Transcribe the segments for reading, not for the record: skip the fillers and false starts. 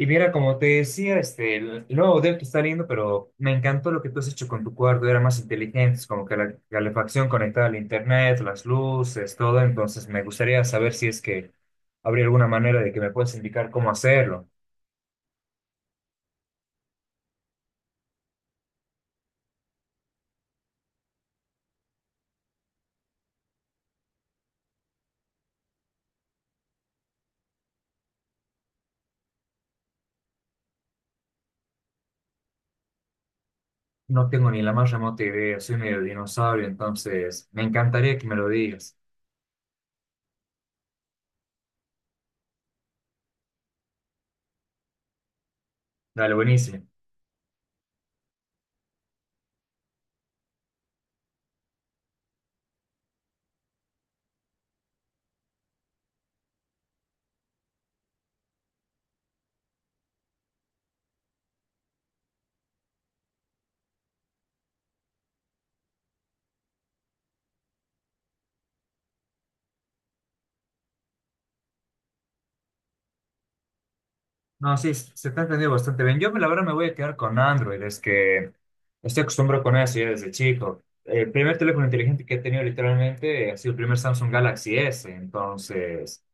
Y mira, como te decía, el nuevo modelo que está lindo, pero me encantó lo que tú has hecho con tu cuarto, era más inteligente, es como que la calefacción conectada al internet, las luces, todo, entonces me gustaría saber si es que habría alguna manera de que me puedas indicar cómo hacerlo. No tengo ni la más remota idea, soy medio dinosaurio, entonces me encantaría que me lo digas. Dale, buenísimo. No, sí, se te ha entendido bastante bien. Yo, la verdad, me voy a quedar con Android. Es que estoy acostumbrado con eso ya desde chico. El primer teléfono inteligente que he tenido literalmente ha sido el primer Samsung Galaxy S. Entonces,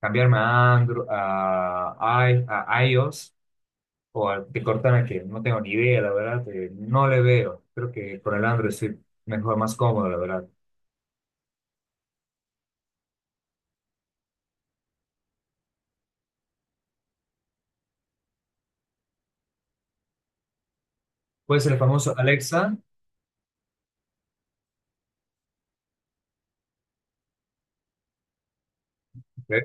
cambiarme a Android, a iOS o a de Cortana, que no tengo ni idea, la verdad, no le veo. Creo que con el Android estoy mejor, más cómodo, la verdad. Puede ser el famoso Alexa. Ok.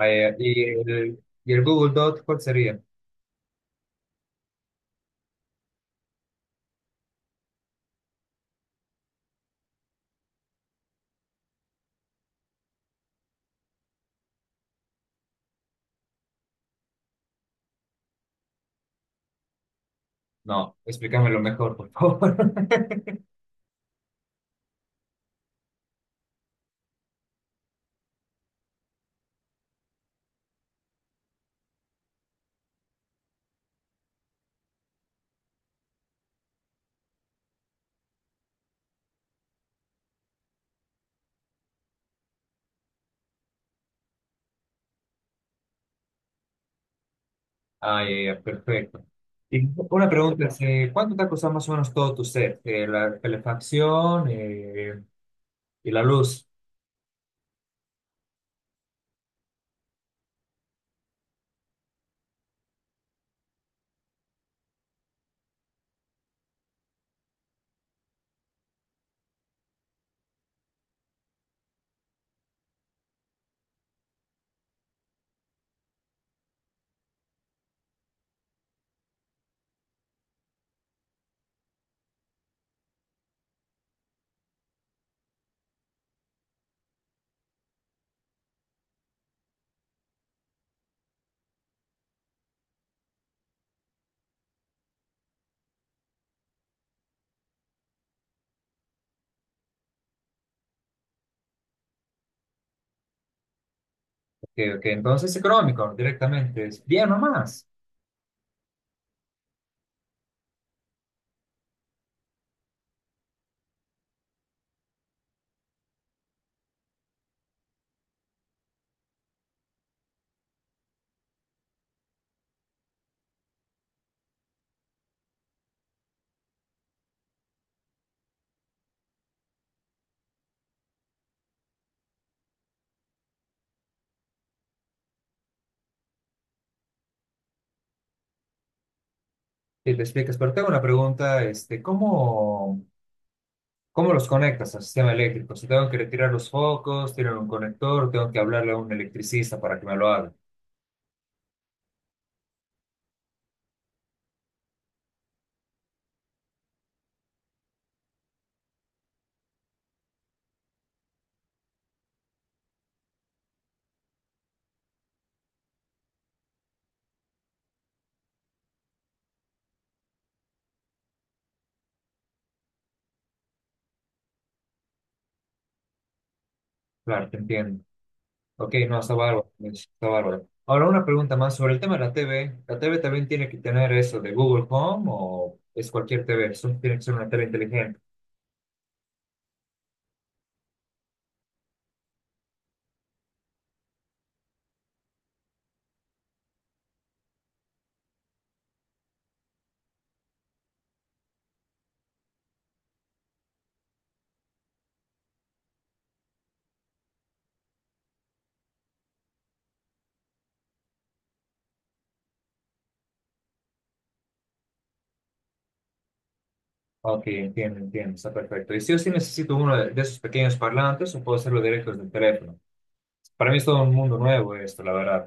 eh, y el, y el Google Dot, ¿cuál sería? No, explícamelo mejor, por favor. Ah, ya, ya, perfecto. Y una pregunta es, ¿cuánto te ha costado más o menos todo tu set? La calefacción y la luz. Que, entonces es económico directamente, es bien nomás. Si te explicas, pero tengo una pregunta, ¿cómo, cómo los conectas al sistema eléctrico? Si tengo que retirar los focos, tienen un conector, tengo que hablarle a un electricista para que me lo haga. Claro, te entiendo. Ok, no, está bárbaro, pues, está bárbaro. Ahora una pregunta más sobre el tema de la TV. ¿La TV también tiene que tener eso de Google Home o es cualquier TV? Eso tiene que ser una TV inteligente. Ok, entiendo, entiendo, está perfecto. ¿Y si yo sí necesito uno de esos pequeños parlantes o puedo hacerlo directo desde el teléfono? Para mí es todo un mundo nuevo esto, la verdad.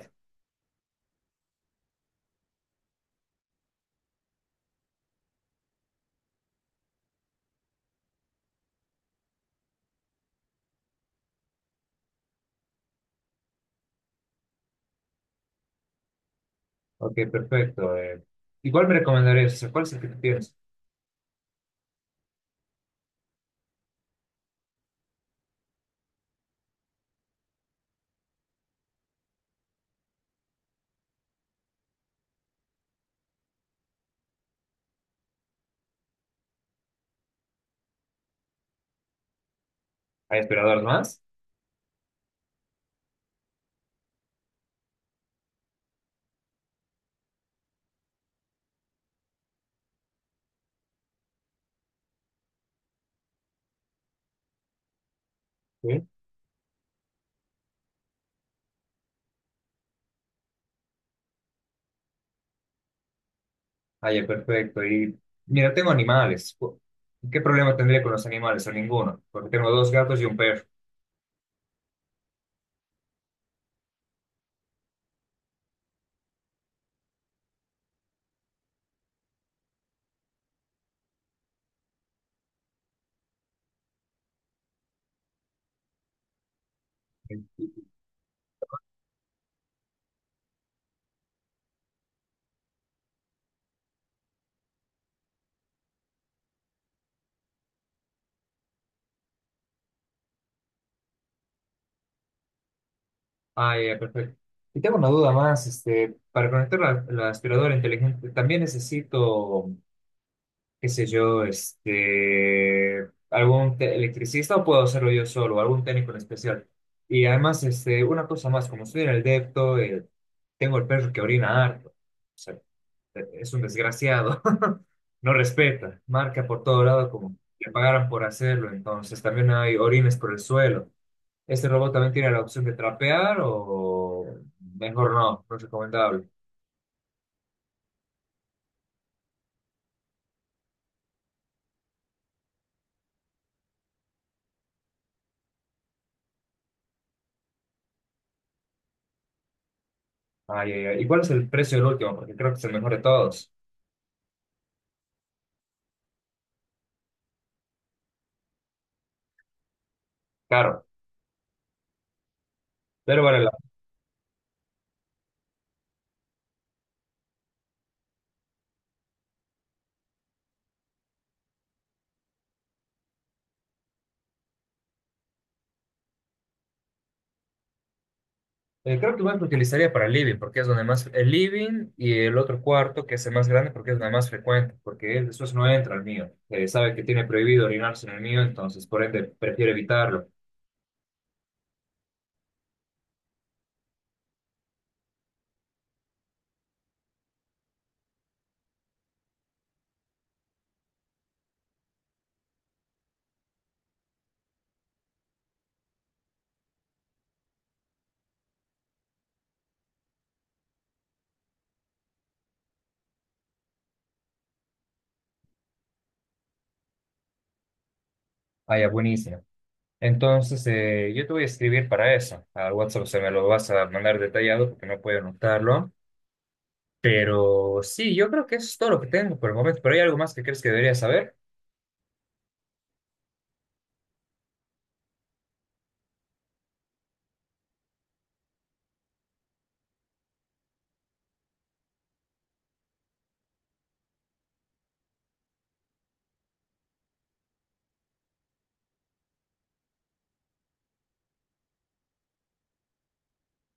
Ok, perfecto. Igual me recomendarías, o sea, ¿cuál es el que tú tienes? ¿Hay aspirador más? ¿Sí? Ah, ya, perfecto. Y mira, tengo animales. ¿Qué problema tendría con los animales? O ninguno, porque tengo dos gatos y un perro. Ah, ya, perfecto. Y tengo una duda más, para conectar la aspiradora inteligente, también necesito, qué sé yo, electricista o puedo hacerlo yo solo, algún técnico en especial. Y además, una cosa más, como estoy en el depto, tengo el perro que orina harto, o sea, es un desgraciado, no respeta, marca por todo lado como le pagaran por hacerlo, entonces también hay orines por el suelo. ¿Este robot también tiene la opción de trapear o mejor no? No es recomendable. Ay, ay, ay. ¿Y cuál es el precio del último? Porque creo que es el mejor de todos. Claro, pero vale la creo que más lo utilizaría para el living, porque es donde más... El living y el otro cuarto, que es el más grande, porque es donde más frecuente, porque él después no entra al mío. Sabe que tiene prohibido orinarse en el mío, entonces por ende prefiere evitarlo. Ah, ya, buenísimo. Entonces, yo te voy a escribir para eso. Al WhatsApp se me lo vas a mandar detallado porque no puedo anotarlo. Pero sí, yo creo que eso es todo lo que tengo por el momento. Pero hay algo más que crees que debería saber.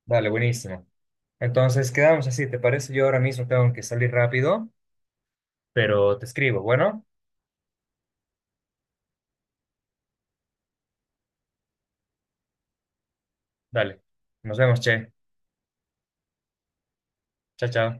Dale, buenísimo. Entonces quedamos así, ¿te parece? Yo ahora mismo tengo que salir rápido, pero te escribo. Bueno, dale. Nos vemos, che. Chao, chao.